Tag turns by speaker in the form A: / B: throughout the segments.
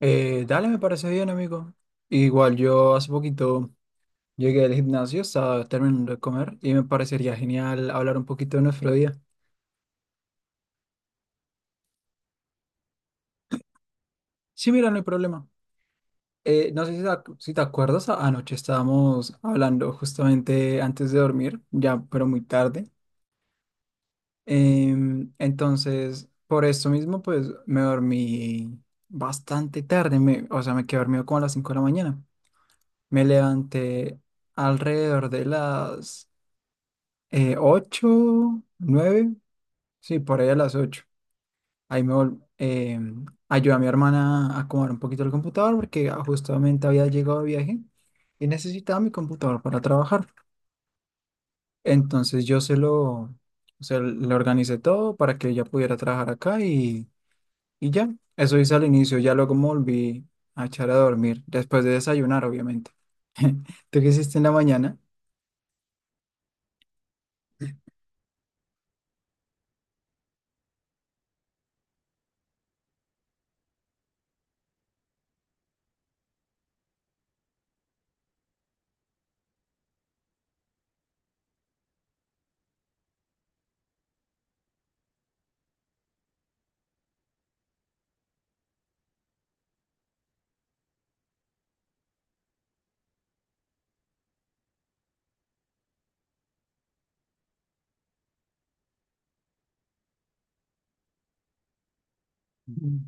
A: Dale, me parece bien, amigo. Igual yo hace poquito llegué del gimnasio, estaba terminando de comer y me parecería genial hablar un poquito de nuestro día. Sí, mira, no hay problema. No sé si si te acuerdas, anoche estábamos hablando justamente antes de dormir, ya, pero muy tarde. Entonces, por esto mismo, pues me dormí bastante tarde, o sea, me quedé dormido como a las 5 de la mañana. Me levanté alrededor de las 8, 9, sí, por ahí a las 8. Ahí ayudé a mi hermana a acomodar un poquito el computador porque justamente había llegado de viaje y necesitaba mi computador para trabajar. Entonces o sea, le organicé todo para que ella pudiera trabajar acá y ya. Eso hice al inicio, ya luego me volví a echar a dormir, después de desayunar, obviamente. ¿Tú qué hiciste en la mañana? Ujú.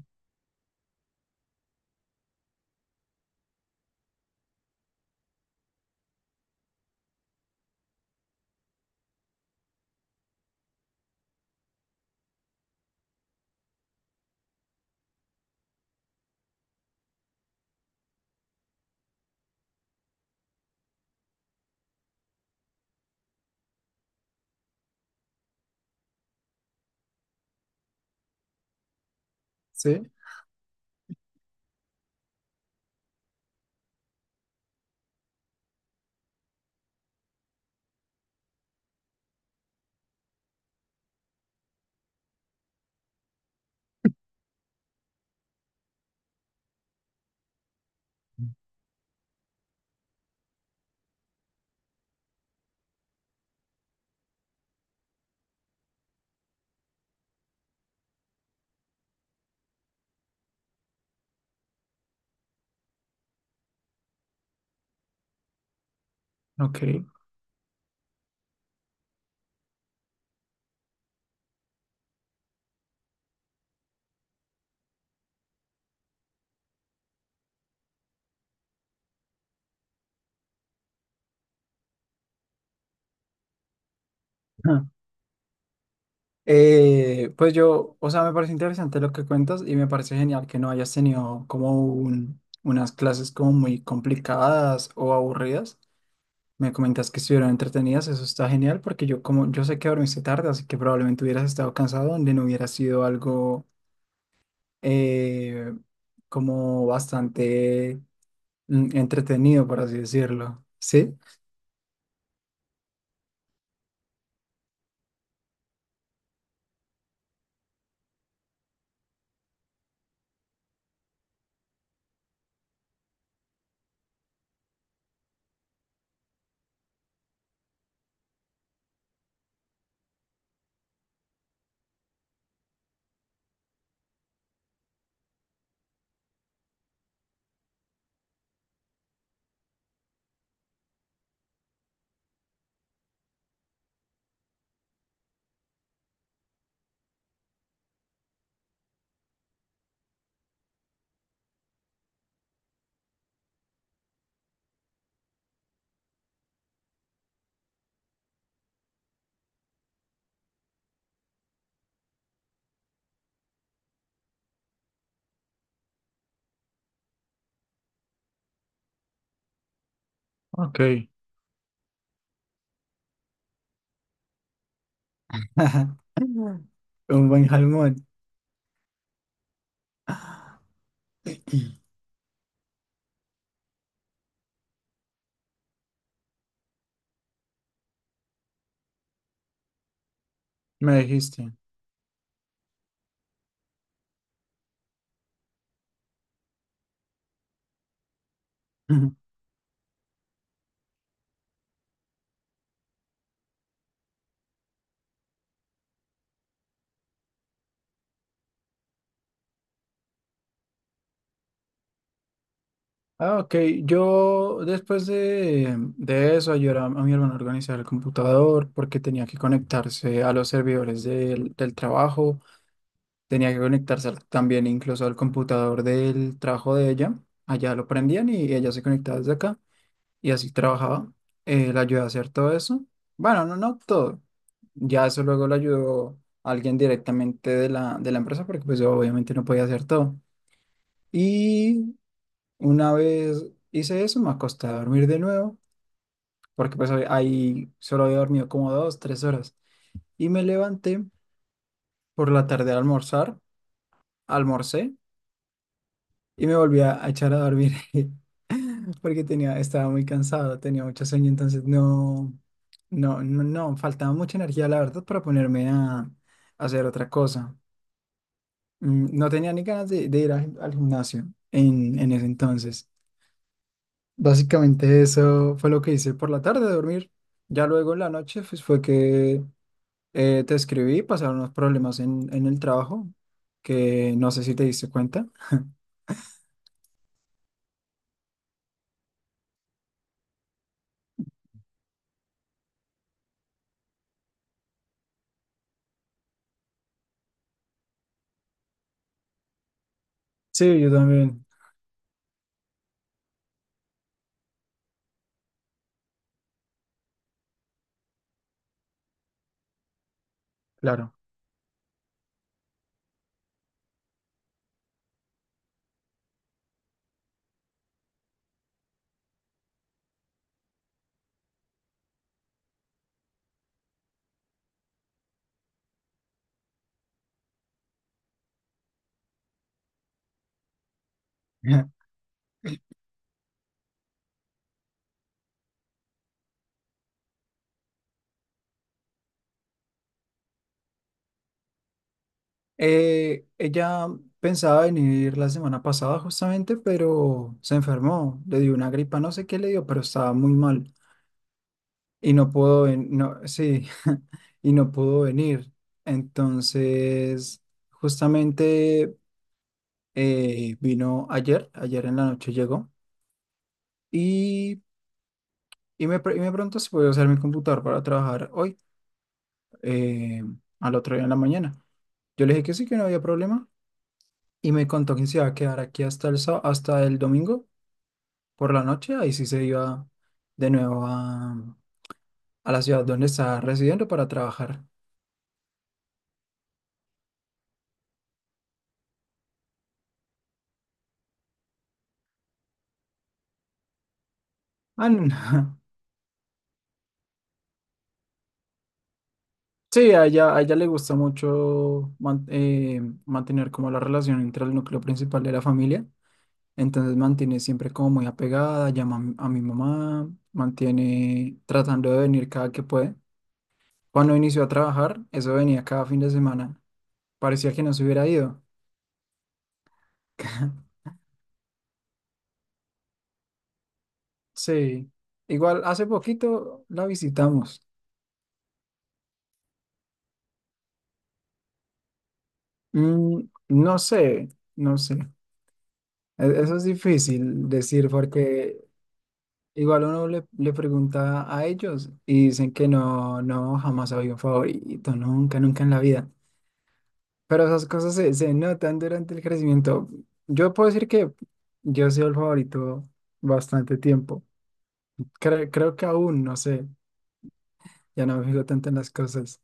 A: Sí, ok. Pues yo, o sea, me parece interesante lo que cuentas y me parece genial que no hayas tenido como unas clases como muy complicadas o aburridas. Me comentas que estuvieron entretenidas, eso está genial porque yo como yo sé que dormiste tarde, así que probablemente hubieras estado cansado donde no hubiera sido algo eh, como bastante entretenido, por así decirlo. ¿Sí? Ok. Un buen jalmón. Me dijiste. Ah, ok. Yo después de eso ayudé a mi hermano a organizar el computador porque tenía que conectarse a los servidores del trabajo, tenía que conectarse también incluso al computador del trabajo de ella. Allá lo prendían y ella se conectaba desde acá y así trabajaba. La ayudé a hacer todo eso. Bueno, no, no todo. Ya eso luego lo ayudó alguien directamente de la empresa porque pues yo obviamente no podía hacer todo. Una vez hice eso, me acosté a dormir de nuevo, porque pues ahí solo había dormido como 2, 3 horas. Y me levanté por la tarde a almorzar, almorcé y me volví a echar a dormir porque estaba muy cansado, tenía mucho sueño, entonces no, no, no, no, faltaba mucha energía, la verdad, para ponerme a hacer otra cosa. No tenía ni ganas de ir al gimnasio en ese entonces. Básicamente eso fue lo que hice por la tarde, dormir. Ya luego en la noche pues, fue que te escribí, pasaron unos problemas en el trabajo, que no sé si te diste cuenta. Sí, yo también, claro. Ella pensaba venir la semana pasada justamente, pero se enfermó, le dio una gripa, no sé qué le dio, pero estaba muy mal y no pudo venir, no, sí, y no pudo venir. Entonces, justamente... vino ayer, ayer en la noche llegó y, y y me preguntó si podía usar mi computador para trabajar hoy, eh, al otro día en la mañana. Yo le dije que sí, que no había problema y me contó que se iba a quedar aquí hasta el domingo por la noche. Ahí sí se iba de nuevo a la ciudad donde está residiendo para trabajar. Ah, no. No. Sí, a ella le gusta mucho mantener como la relación entre el núcleo principal de la familia. Entonces mantiene siempre como muy apegada, llama a mi mamá, mantiene tratando de venir cada que puede. Cuando inició a trabajar, eso venía cada fin de semana. Parecía que no se hubiera ido. Sí, igual hace poquito la visitamos. Mm, no sé, no sé. Eso es difícil decir porque igual uno le pregunta a ellos y dicen que no, no, jamás había un favorito, nunca, nunca en la vida. Pero esas cosas se notan durante el crecimiento. Yo puedo decir que yo he sido el favorito bastante tiempo. Creo que aún, no sé, ya no me fijo tanto en las cosas.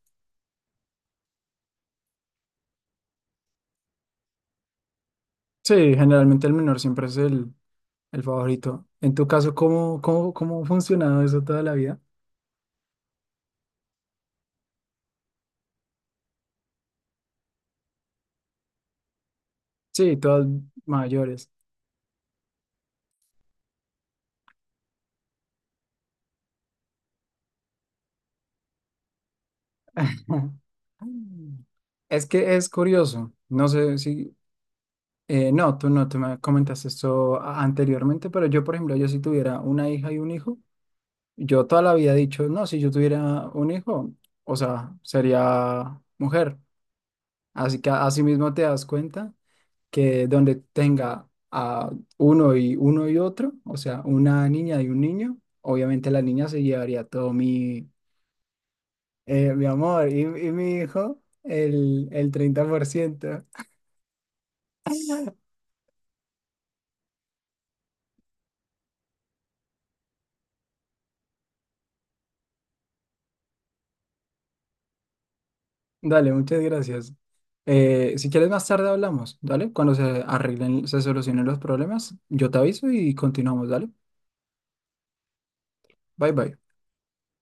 A: Sí, generalmente el menor siempre es el favorito. En tu caso, ¿cómo ha funcionado eso toda la vida? Sí, todas mayores. Es que es curioso, no sé no, tú no, te me comentaste esto anteriormente, pero yo, por ejemplo, yo si tuviera una hija y un hijo. Yo toda la vida he dicho, no, si yo tuviera un hijo, o sea, sería mujer. Así que así mismo te das cuenta que donde tenga a uno y uno y otro, o sea, una niña y un niño, obviamente la niña se llevaría todo mi, mi amor y mi hijo el 30%. Dale, muchas gracias. Si quieres más tarde hablamos, ¿dale? Cuando se arreglen, se solucionen los problemas, yo te aviso y continuamos, ¿dale? Bye bye.